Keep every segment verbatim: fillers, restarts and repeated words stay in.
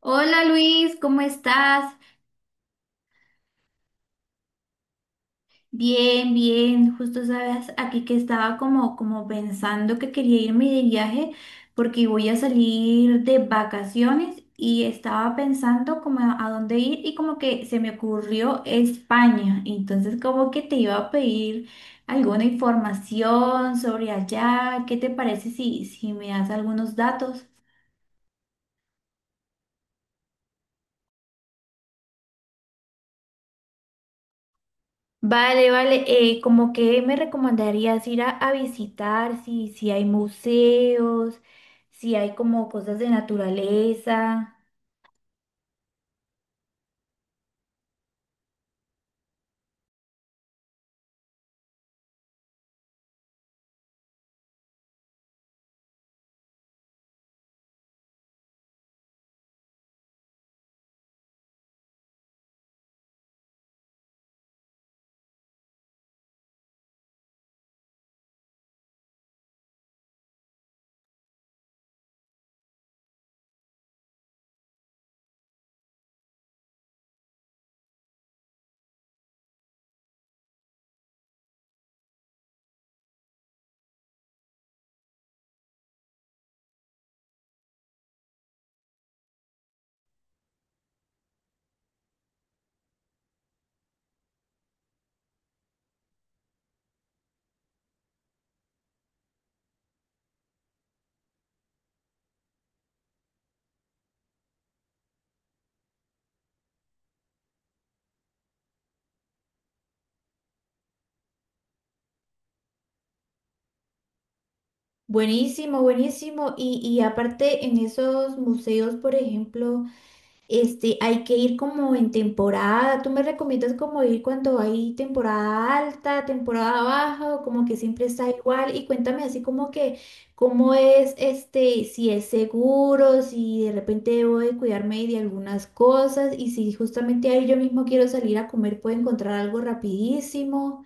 Hola Luis, ¿cómo estás? Bien, bien. Justo sabes, aquí que estaba como, como pensando que quería irme de viaje porque voy a salir de vacaciones y estaba pensando como a, a dónde ir y como que se me ocurrió España. Entonces como que te iba a pedir alguna información sobre allá. ¿Qué te parece si, si me das algunos datos? Vale, vale. eh, ¿cómo que me recomendarías ir a, a visitar? Si, si hay museos, si hay como cosas de naturaleza. Buenísimo, buenísimo. Y, y aparte en esos museos, por ejemplo, Este, hay que ir como en temporada. ¿Tú me recomiendas como ir cuando hay temporada alta, temporada baja o como que siempre está igual? Y cuéntame así como que cómo es este, si es seguro, si de repente debo de cuidarme de algunas cosas y si justamente ahí yo mismo quiero salir a comer, puedo encontrar algo rapidísimo.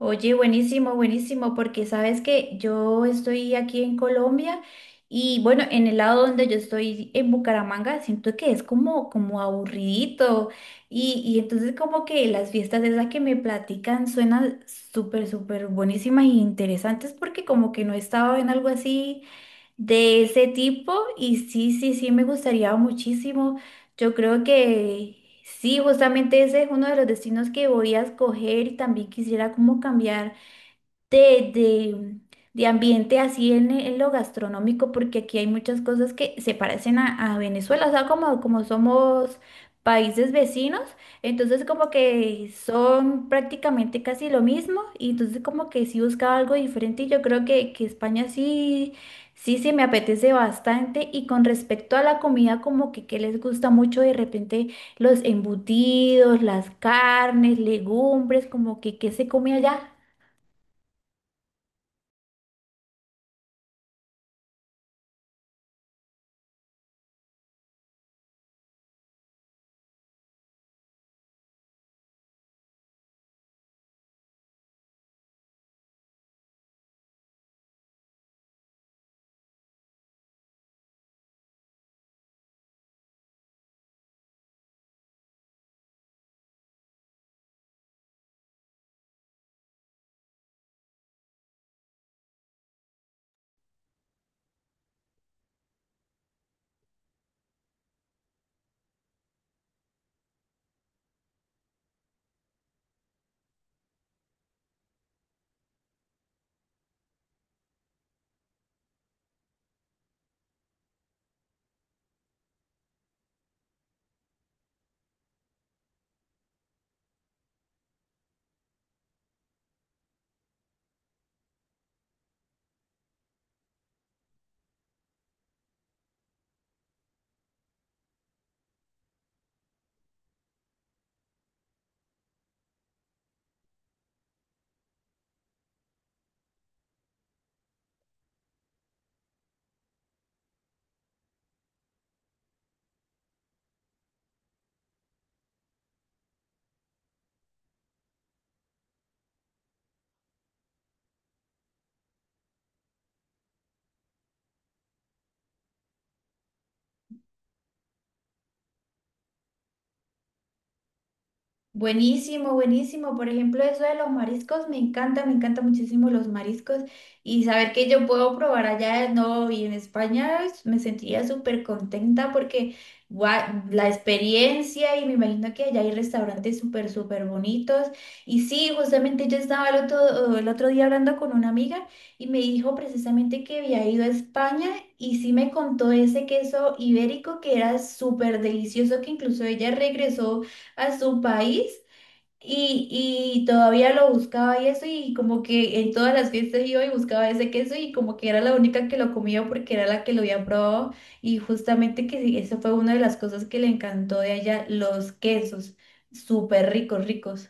Oye, buenísimo, buenísimo, porque sabes que yo estoy aquí en Colombia y bueno, en el lado donde yo estoy en Bucaramanga, siento que es como, como aburridito y, y entonces como que las fiestas esas que me platican suenan súper, súper buenísimas e interesantes porque como que no estaba en algo así de ese tipo y sí, sí, sí, me gustaría muchísimo. Yo creo que sí, justamente ese es uno de los destinos que voy a escoger y también quisiera como cambiar de, de, de ambiente así en, en lo gastronómico, porque aquí hay muchas cosas que se parecen a, a Venezuela, o sea, como, como somos países vecinos, entonces como que son prácticamente casi lo mismo, y entonces como que sí buscaba algo diferente, y yo creo que, que España sí, sí, sí me apetece bastante, y con respecto a la comida, como que, que les gusta mucho de repente los embutidos, las carnes, legumbres, como que qué se come allá. Buenísimo, buenísimo. Por ejemplo, eso de los mariscos, me encanta, me encanta muchísimo los mariscos y saber que yo puedo probar allá, no, y en España pues, me sentiría súper contenta porque gua- la experiencia y me imagino que allá hay restaurantes súper, súper bonitos. Y sí, justamente yo estaba el otro, el otro día hablando con una amiga y me dijo precisamente que había ido a España y sí me contó ese queso ibérico que era súper delicioso, que incluso ella regresó a su país y, y todavía lo buscaba y eso y como que en todas las fiestas iba y buscaba ese queso y como que era la única que lo comía porque era la que lo había probado y justamente que sí, eso fue una de las cosas que le encantó de allá, los quesos, súper ricos, ricos.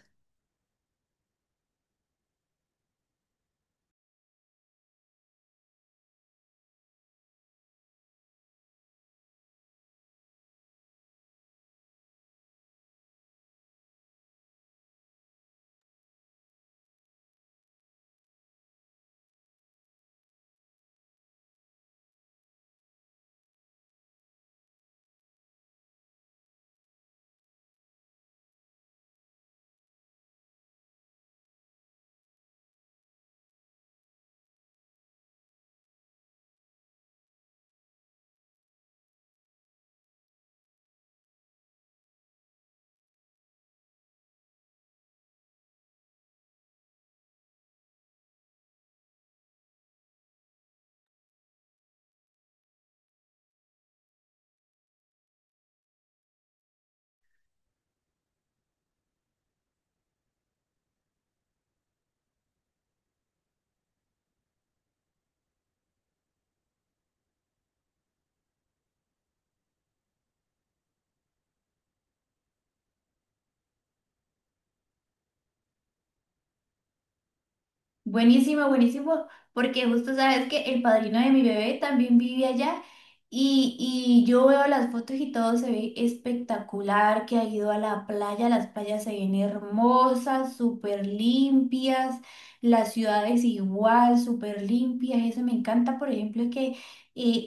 Buenísimo, buenísimo, porque justo sabes que el padrino de mi bebé también vive allá y, y yo veo las fotos y todo se ve espectacular, que ha ido a la playa, las playas se ven hermosas, súper limpias, las ciudades igual, súper limpias, eso me encanta, por ejemplo, que eh,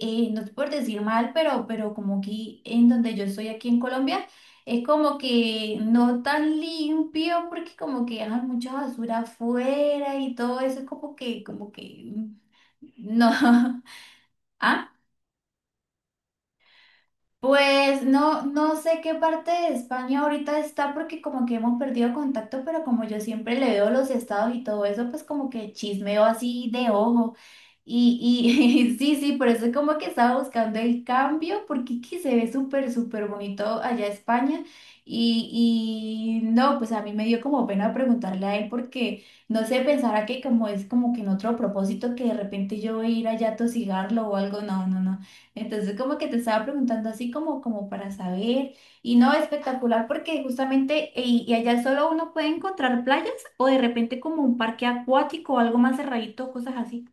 eh, no es por decir mal, pero, pero como aquí en donde yo estoy, aquí en Colombia, es como que no tan limpio porque como que hay mucha basura afuera y todo eso es como que, como que, mm, no. ¿Ah? Pues no, no sé qué parte de España ahorita está porque como que hemos perdido contacto, pero como yo siempre le veo los estados y todo eso, pues como que chismeo así de ojo. Y, y sí, sí, por eso es como que estaba buscando el cambio, porque es que se ve súper, súper bonito allá España. Y, y no, pues a mí me dio como pena preguntarle a él porque no sé, pensara que como es como que en otro propósito que de repente yo voy a ir allá a tosigarlo o algo, no, no, no. Entonces, como que te estaba preguntando así como, como para saber, y no, espectacular, porque justamente y, y allá solo uno puede encontrar playas o de repente como un parque acuático o algo más cerradito, cosas así.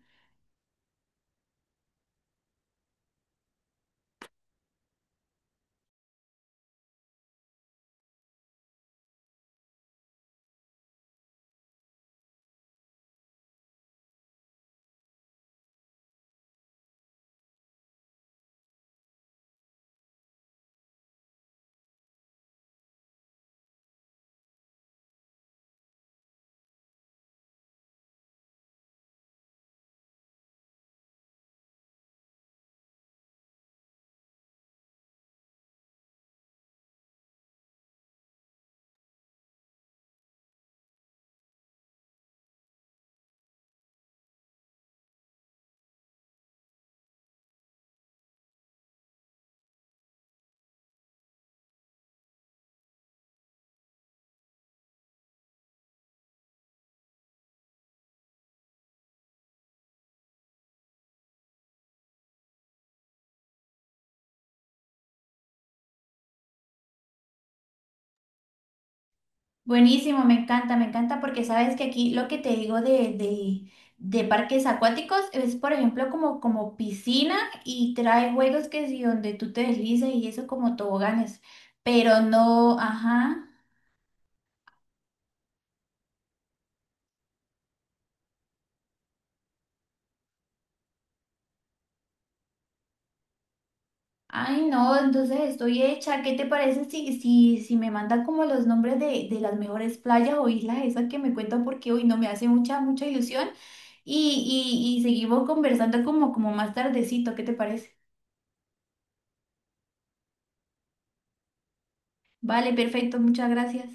Buenísimo, me encanta, me encanta, porque sabes que aquí lo que te digo de, de, de parques acuáticos es, por ejemplo, como, como piscina y trae juegos que si donde tú te deslizas y eso como toboganes, pero no, ajá. Ay, no, entonces estoy hecha. ¿Qué te parece si, si, si me manda como los nombres de, de las mejores playas o islas esas que me cuentan porque hoy no me hace mucha, mucha ilusión? Y, y, y seguimos conversando como, como más tardecito, ¿qué te parece? Vale, perfecto, muchas gracias.